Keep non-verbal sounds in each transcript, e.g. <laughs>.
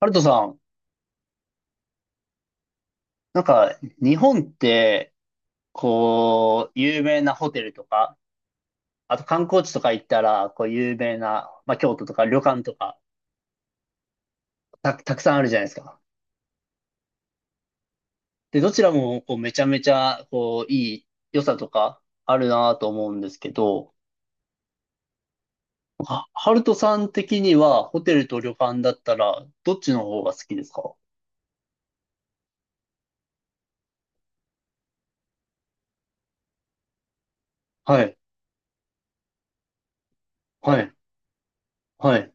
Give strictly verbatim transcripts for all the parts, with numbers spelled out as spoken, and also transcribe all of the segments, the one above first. ハルトさん、なんか、日本って、こう、有名なホテルとか、あと観光地とか行ったら、こう、有名な、まあ、京都とか旅館とか、た、たくさんあるじゃないですか。で、どちらも、こう、めちゃめちゃ、こう、いい良さとか、あるなと思うんですけど、はハルトさん的には、ホテルと旅館だったら、どっちの方が好きですか？はい、はい、はい。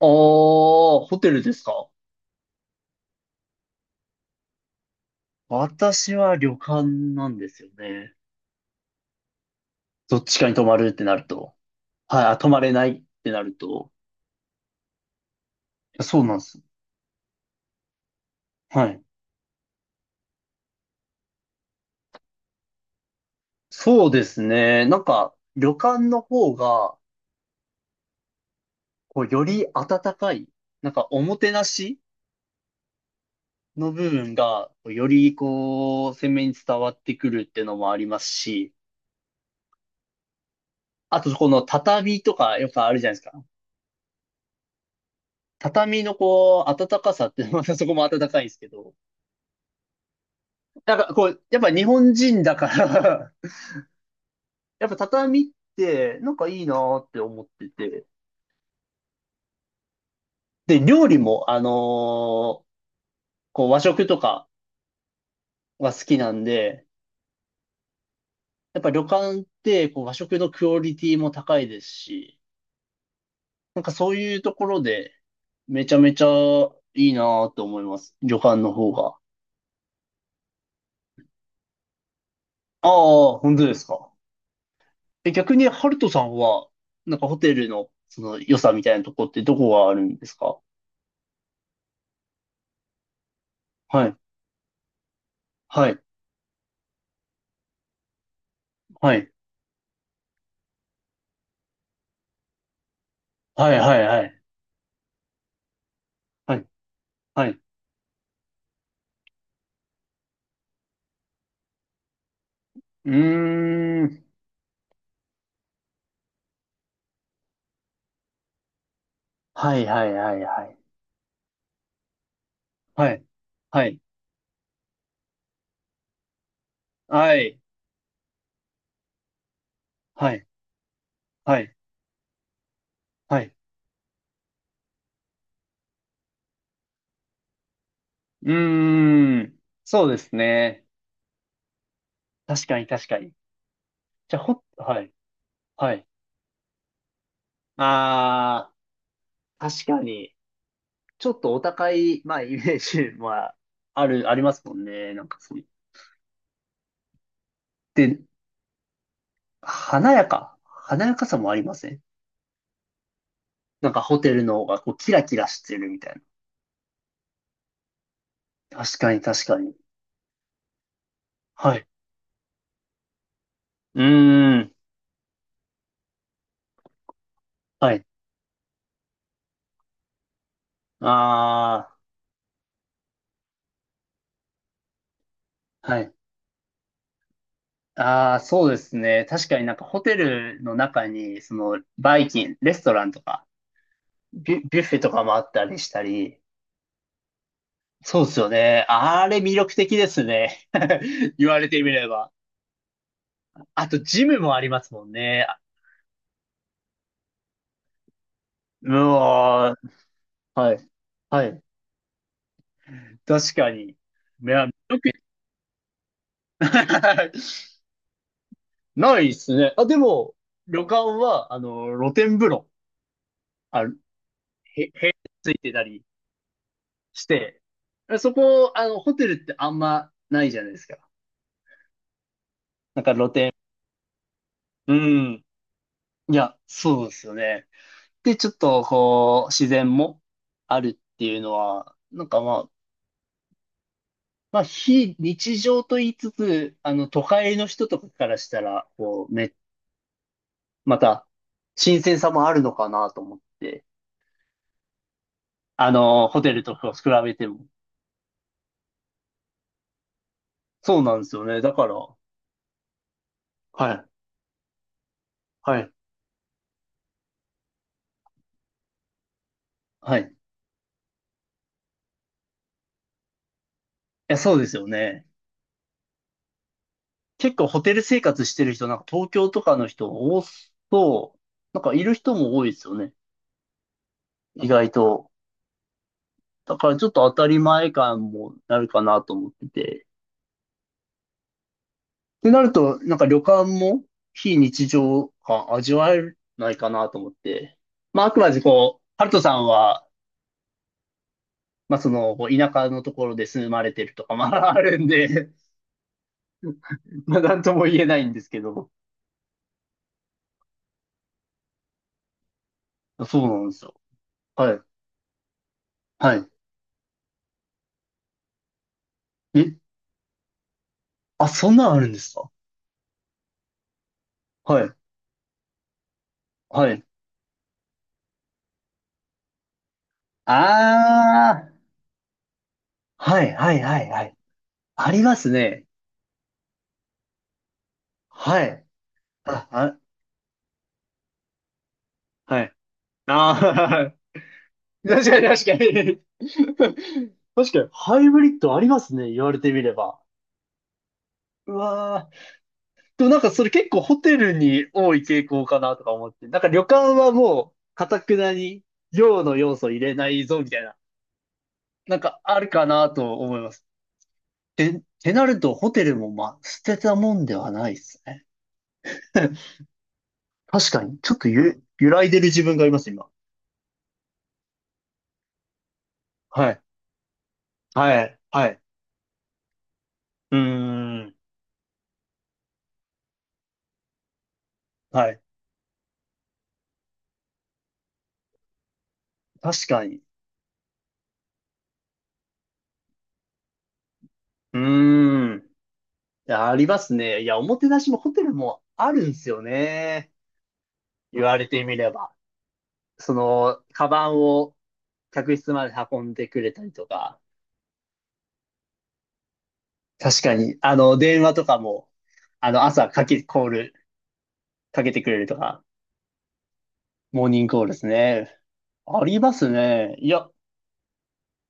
あー、ホテルですか？私は旅館なんですよね。どっちかに泊まるってなると。はい、あ、泊まれないってなると。そうなんです。はい。そうですね。なんか、旅館の方が、こう、より温かい、なんか、おもてなしの部分が、こうより、こう、鮮明に伝わってくるっていうのもありますし、あと、この畳とか、よくあるじゃないですか。畳の、こう、温かさって、<laughs> またそこも温かいんですけど、なんか、こう、やっぱ日本人だから <laughs> やっぱ畳って、なんかいいなーって思ってて、で、料理も、あのーこう和食とかが好きなんで、やっぱ旅館ってこう和食のクオリティも高いですし、なんかそういうところで、めちゃめちゃいいなと思います。旅館の方が。ああ、本当ですか？え、逆に、ハルトさんは、なんかホテルの、その良さみたいなとこってどこがあるんですか？はい、はい、はい、はい、はい、はい、はい、はい。うーん。はい、はい、はい、はい。はい、はい。はい。はい、はい、はい。うーん。そうですね。確かに、確かに。じゃあ、ほ、はい、はい。あー、確かに。ちょっとお高い、まあ、イメージは、ある、ありますもんね。なんかそう。で、華やか。華やかさもありません？なんかホテルの方が、こう、キラキラしてるみたいな。確かに、確かに。はい。うーん。はい。あー、はい。ああ、そうですね。確かになんかホテルの中に、その、バイキン、レストランとか、ビュ、ビュッフェとかもあったりしたり、そうですよね。あれ魅力的ですね。<laughs> 言われてみれば。あと、ジムもありますもんね。うわー、はい。はい。確かに。いや、よく、<laughs> ないですね。あ、でも、旅館は、あの、露天風呂、あ、へ、へ、ついてたり、して、そこ、あの、ホテルってあんまないじゃないですか。なんか露店。うん。いや、そうですよね。で、ちょっと、こう、自然もあるっていうのは、なんかまあ、まあ、非日常と言いつつ、あの、都会の人とかからしたら、こう、め、また、新鮮さもあるのかなと思って、あの、ホテルとかを比べても。そうなんですよね。だから、はい、はい、はい。いや、そうですよね。結構ホテル生活してる人、なんか東京とかの人多そう。なんかいる人も多いですよね。意外と。だからちょっと当たり前感もなるかなと思ってて。ってなると、なんか旅館も非日常感味わえないかなと思って。まああくまでこう、ハルトさんは、まあその、こう田舎のところで住まれてるとか、まああるんで、まあなんとも言えないんですけど。そうなんですよ。はい。はい。え、あ、そんなんあるんですか？はい。はい。ああ、はいはいはいはい。ありますね。はい。あ、あ、はい。ああ、<laughs> 確かに確かに。<laughs> 確かに、ハイブリッドありますね。言われてみれば。うわー。でもなんかそれ結構ホテルに多い傾向かなとか思って。なんか旅館はもう、かたくなに、量の要素入れないぞみたいな。なんかあるかなと思います。て、てなると、ホテルもまあ、捨てたもんではないですね。<laughs> 確かに、ちょっとゆ、揺らいでる自分がいます、今。はい。はい。はい。うーん。はい。確かに。うーん。いや、ありますね。いや、おもてなしもホテルもあるんですよね。言われてみれば。その、カバンを客室まで運んでくれたりとか。確かに。あの、電話とかも、あの、朝かけ、コール、かけてくれるとか、モーニングコールですね。ありますね。いや、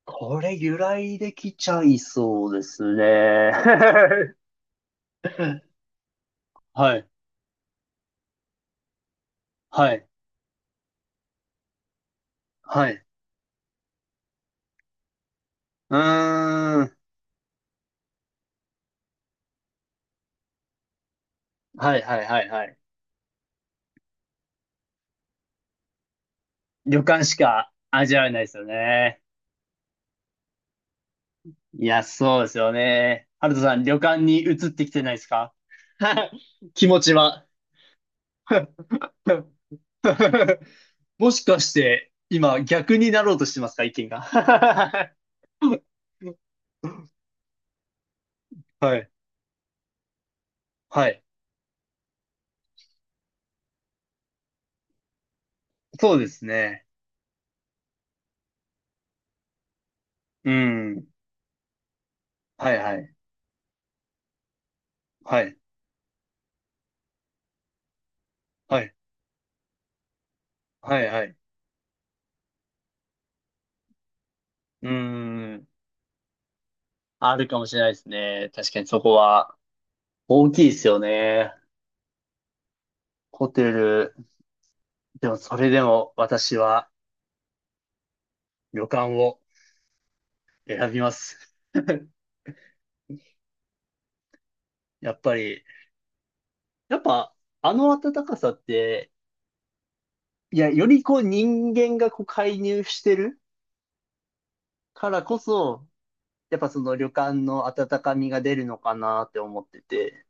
これ由来できちゃいそうですね。<laughs> はい。はい。はい。うーん。はいはいはいはい。旅館しか味わえないですよね。いや、そうですよね。ハルトさん、旅館に移ってきてないですか？ <laughs> 気持ちは。<laughs> もしかして、今、逆になろうとしてますか？意見が。<laughs> はい。はい。そうですね。うん。はいはい。はい。はい。はいはい。うん。あるかもしれないですね。確かにそこは大きいですよね。ホテル、でもそれでも私は旅館を選びます。<laughs> やっぱり、やっぱあの暖かさって、いや、よりこう人間がこう介入してるからこそ、やっぱその旅館の温かみが出るのかなって思ってて、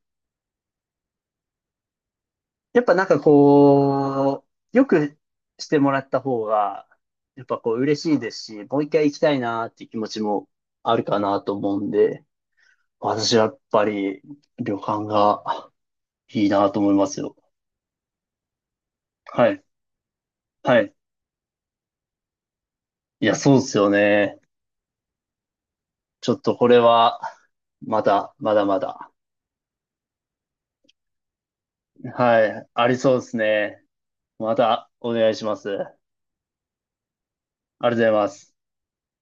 やっぱなんかこう、よくしてもらった方が、やっぱこう嬉しいですし、もう一回行きたいなっていう気持ちもあるかなと思うんで、私はやっぱり旅館がいいなと思いますよ。はい。はい。いや、そうですよね。ちょっとこれは、まだ、まだまだ。はい。ありそうですね。またお願いします。ありがとうございます。